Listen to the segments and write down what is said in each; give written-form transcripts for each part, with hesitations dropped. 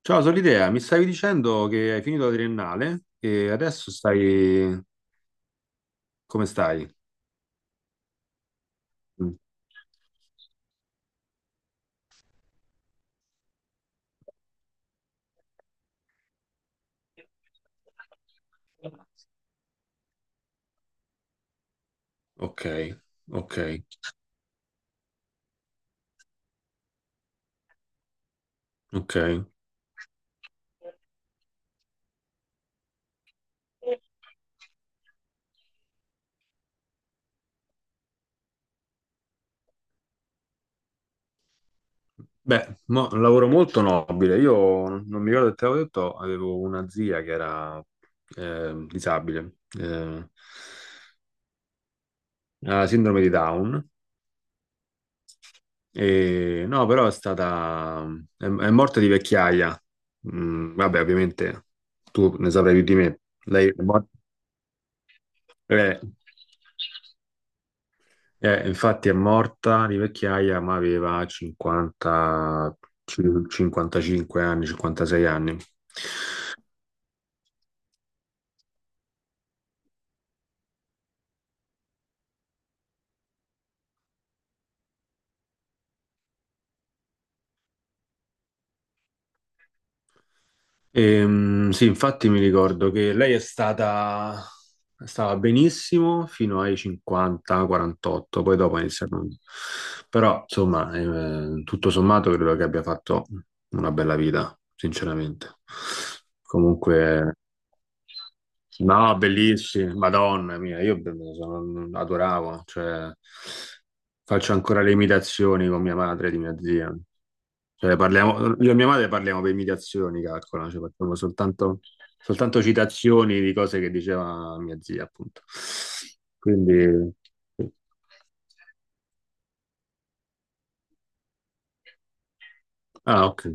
Ciao Solidea, mi stavi dicendo che hai finito la triennale come stai? Mm. Ok, ok, ok. Beh, un lavoro molto nobile. Io non mi ricordo se te l'avevo detto, avevo una zia che era disabile, ha sindrome di Down. E, no, però è morta di vecchiaia. Vabbè, ovviamente tu ne saprai più di me. Lei è morta... eh, Infatti è morta di vecchiaia, ma aveva 50, 55 anni, 56 anni. Sì, infatti mi ricordo che lei stava benissimo fino ai 50-48, poi dopo è iniziato. Però, insomma, tutto sommato credo che abbia fatto una bella vita, sinceramente. Comunque, no, bellissimi, Madonna mia, adoravo, cioè, faccio ancora le imitazioni con mia madre di mia zia. Cioè, parliamo, io e mia madre parliamo per imitazioni, calcola, cioè, facciamo soltanto citazioni di cose che diceva mia zia, appunto. Quindi, sì. Ah, ok.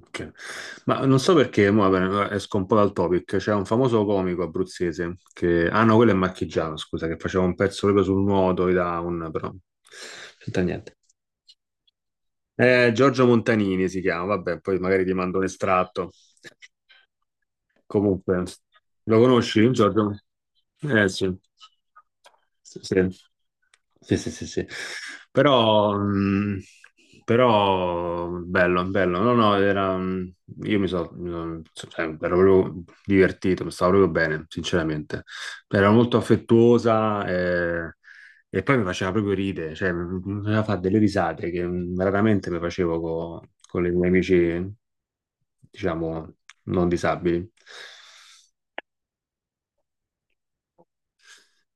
Ok. Ma non so perché, mo, vabbè, allora esco un po' dal topic. C'è un famoso comico abruzzese che... Ah no, quello è marchigiano, scusa, che faceva un pezzo proprio sul nuoto, e da un... però... Senta niente. Giorgio Montanini si chiama, vabbè, poi magari ti mando un estratto. Comunque, lo conosci, Giorgio? Eh sì. Sì, sì, sì, sì, sì, sì. Però, mh, però, bello, bello. No, no, era, io, cioè, ero proprio divertito, mi stavo proprio bene, sinceramente. Era molto affettuosa. E poi mi faceva proprio ridere, cioè mi faceva fare delle risate che raramente mi facevo con i miei amici, diciamo, non disabili.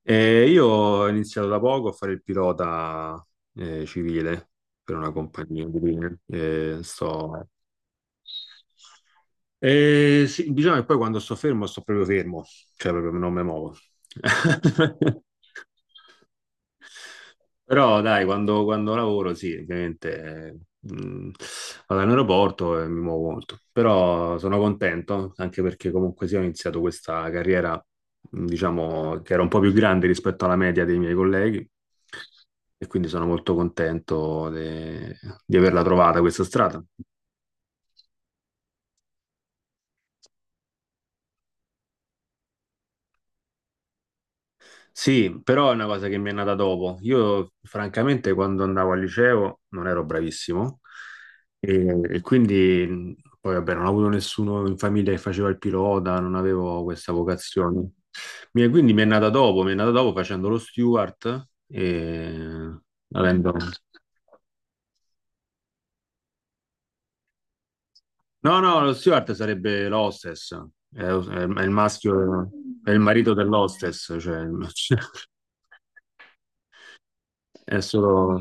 E io ho iniziato da poco a fare il pilota civile, per una compagnia di linee. E sto... sì, bisogna che poi quando sto fermo, sto proprio fermo, cioè proprio non mi muovo. Però dai, quando lavoro, sì, ovviamente, vado in aeroporto e mi muovo molto. Però sono contento, anche perché comunque sì, ho iniziato questa carriera, diciamo, che era un po' più grande rispetto alla media dei miei colleghi. E quindi sono molto contento di averla trovata questa strada. Sì, però è una cosa che mi è nata dopo. Io, francamente, quando andavo al liceo non ero bravissimo, e quindi, poi, vabbè, non ho avuto nessuno in famiglia che faceva il pilota, non avevo questa vocazione. Quindi mi è nata dopo, mi è nata dopo facendo lo steward e avendo... No, no, lo steward sarebbe l'hostess, è, è- è il maschio, è il marito dell'hostess, cioè... è solo...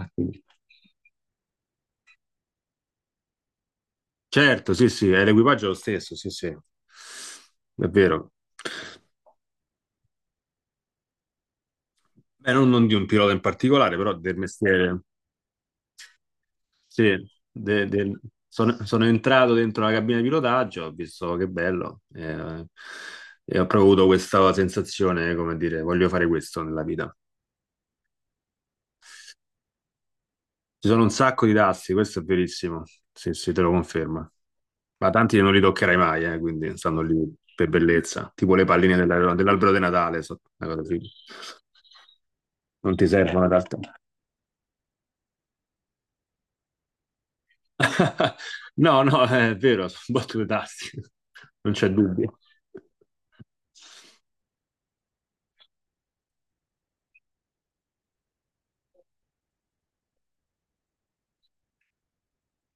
Certo, sì, sì, è, l'equipaggio è lo stesso, sì, sì, è vero. Beh, non di un pilota in particolare, però del mestiere. Sì, de- del- sono entrato dentro la cabina di pilotaggio, ho visto che bello, e ho proprio avuto questa sensazione, come dire, voglio fare questo nella vita. Ci sono un sacco di tassi, questo è verissimo, sì, sì, te lo confermo. Ma tanti non li toccherai mai, quindi stanno lì per bellezza, tipo le palline dell'albero di Natale, una cosa simile. Non ti servono d'altro. No, no, è vero, sono battute tasti, non c'è dubbio.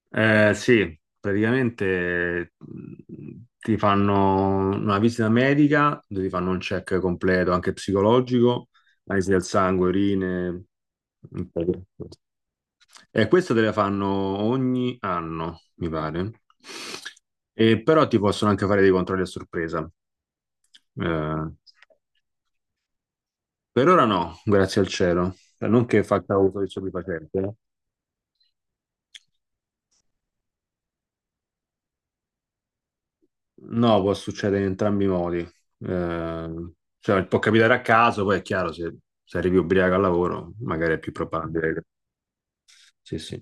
Sì, praticamente ti fanno una visita medica dove ti fanno un check completo, anche psicologico, analisi del sangue, urine. Un po' di cose. E questo te le fanno ogni anno, mi pare. E però ti possono anche fare dei controlli a sorpresa. Eh, Per ora no, grazie al cielo. Cioè, non che faccia uso di stupefacenti, eh. No, può succedere in entrambi i modi. Cioè, può capitare a caso, poi è chiaro, se, se arrivi ubriaco al lavoro, magari è più probabile. Sì, sì.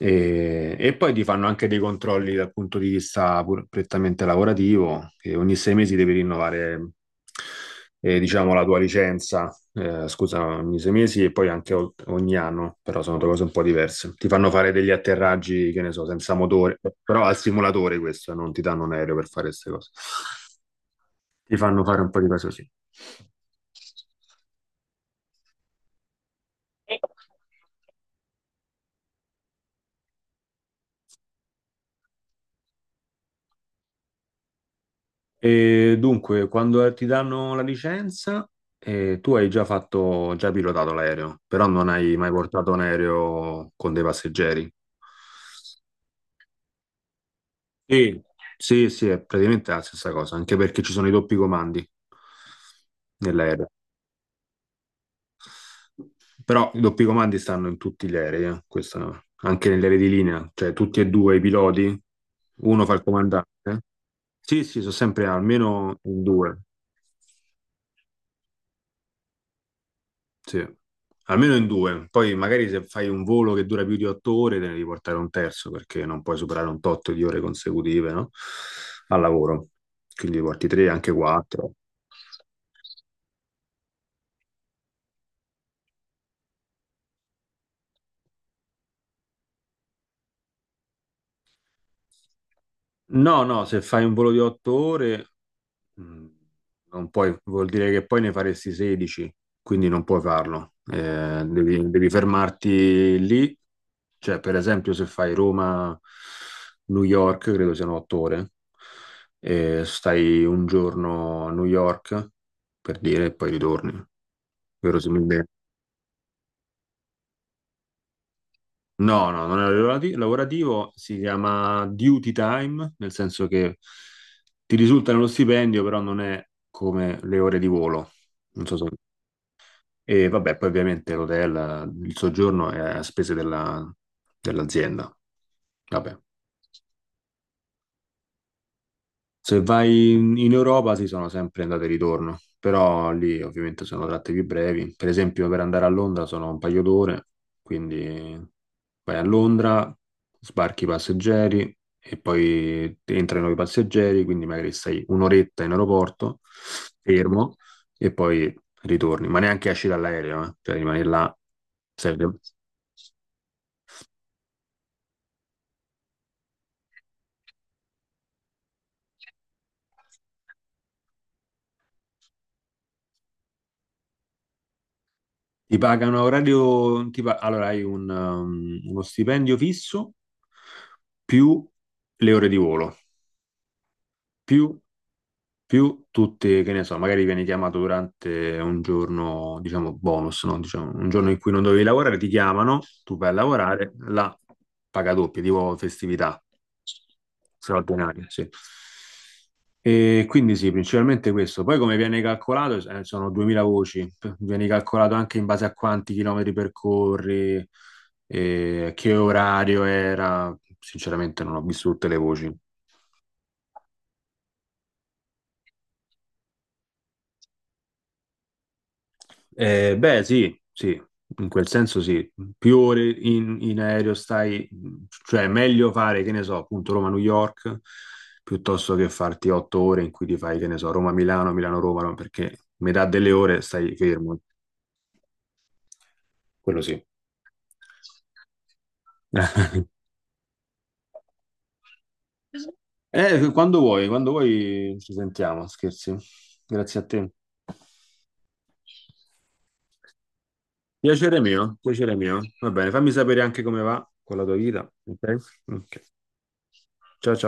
E poi ti fanno anche dei controlli dal punto di vista prettamente lavorativo, che ogni 6 mesi devi rinnovare, diciamo, la tua licenza, scusa, ogni 6 mesi e poi anche ogni anno, però sono due cose un po' diverse. Ti fanno fare degli atterraggi, che ne so, senza motore, però al simulatore questo, non ti danno un aereo per fare queste cose. Ti fanno fare un po' di cose così. E dunque, quando ti danno la licenza, tu hai già fatto, già pilotato l'aereo, però non hai mai portato un aereo con dei passeggeri. Sì, sì, sì, è praticamente la stessa cosa, anche perché ci sono i doppi comandi nell'aereo. Però i doppi comandi stanno in tutti gli aerei, questo, anche negli aerei di linea, cioè tutti e due i piloti, uno fa il comandante. Sì, sì, sono sempre almeno in due. Sì, almeno in due. Poi magari se fai un volo che dura più di 8 ore, te ne devi portare un terzo, perché non puoi superare un tot di ore consecutive, no? Al lavoro. Quindi porti tre, anche quattro. No, no, se fai un volo di 8 ore, mh, non puoi, vuol dire che poi ne faresti 16, quindi non puoi farlo. Devi, devi fermarti lì. Cioè, per esempio, se fai Roma-New York, credo siano 8 ore, e stai un giorno a New York, per dire, e poi ritorni, verosimilmente. No, no, non è lavorativo, si chiama duty time, nel senso che ti risulta nello stipendio, però non è come le ore di volo. Non so se. E vabbè, poi ovviamente l'hotel, il soggiorno è a spese dell'azienda. Vabbè. Se vai in Europa si sono sempre andate e ritorno, però lì ovviamente sono tratte più brevi. Per esempio, per andare a Londra sono un paio d'ore, quindi vai a Londra, sbarchi i passeggeri e poi entrano i passeggeri, quindi magari stai un'oretta in aeroporto, fermo, e poi ritorni, ma neanche esci dall'aereo, eh. Cioè rimani là, serve. Ti pagano a orario, allora hai uno stipendio fisso più le ore di volo, più, più tutte, che ne so, magari viene chiamato durante un giorno, diciamo, bonus, no? Diciamo, un giorno in cui non dovevi lavorare, ti chiamano, tu vai a lavorare, la paga doppia, tipo festività straordinaria, sì. E quindi sì, principalmente questo. Poi come viene calcolato, sono 2000 voci, viene calcolato anche in base a quanti chilometri percorri, che orario era. Sinceramente non ho visto tutte le voci. Beh, sì, sì, in quel senso sì. Più ore in, in aereo stai, cioè è meglio fare, che ne so, appunto Roma-New York, piuttosto che farti 8 ore in cui ti fai, che ne so, Roma-Milano, Milano-Roma, no? Perché metà delle ore stai fermo. Quello sì. Quando vuoi ci sentiamo, scherzi. Grazie a te. Piacere mio, piacere mio. Va bene, fammi sapere anche come va con la tua vita. Ok? Ok. Ciao ciao.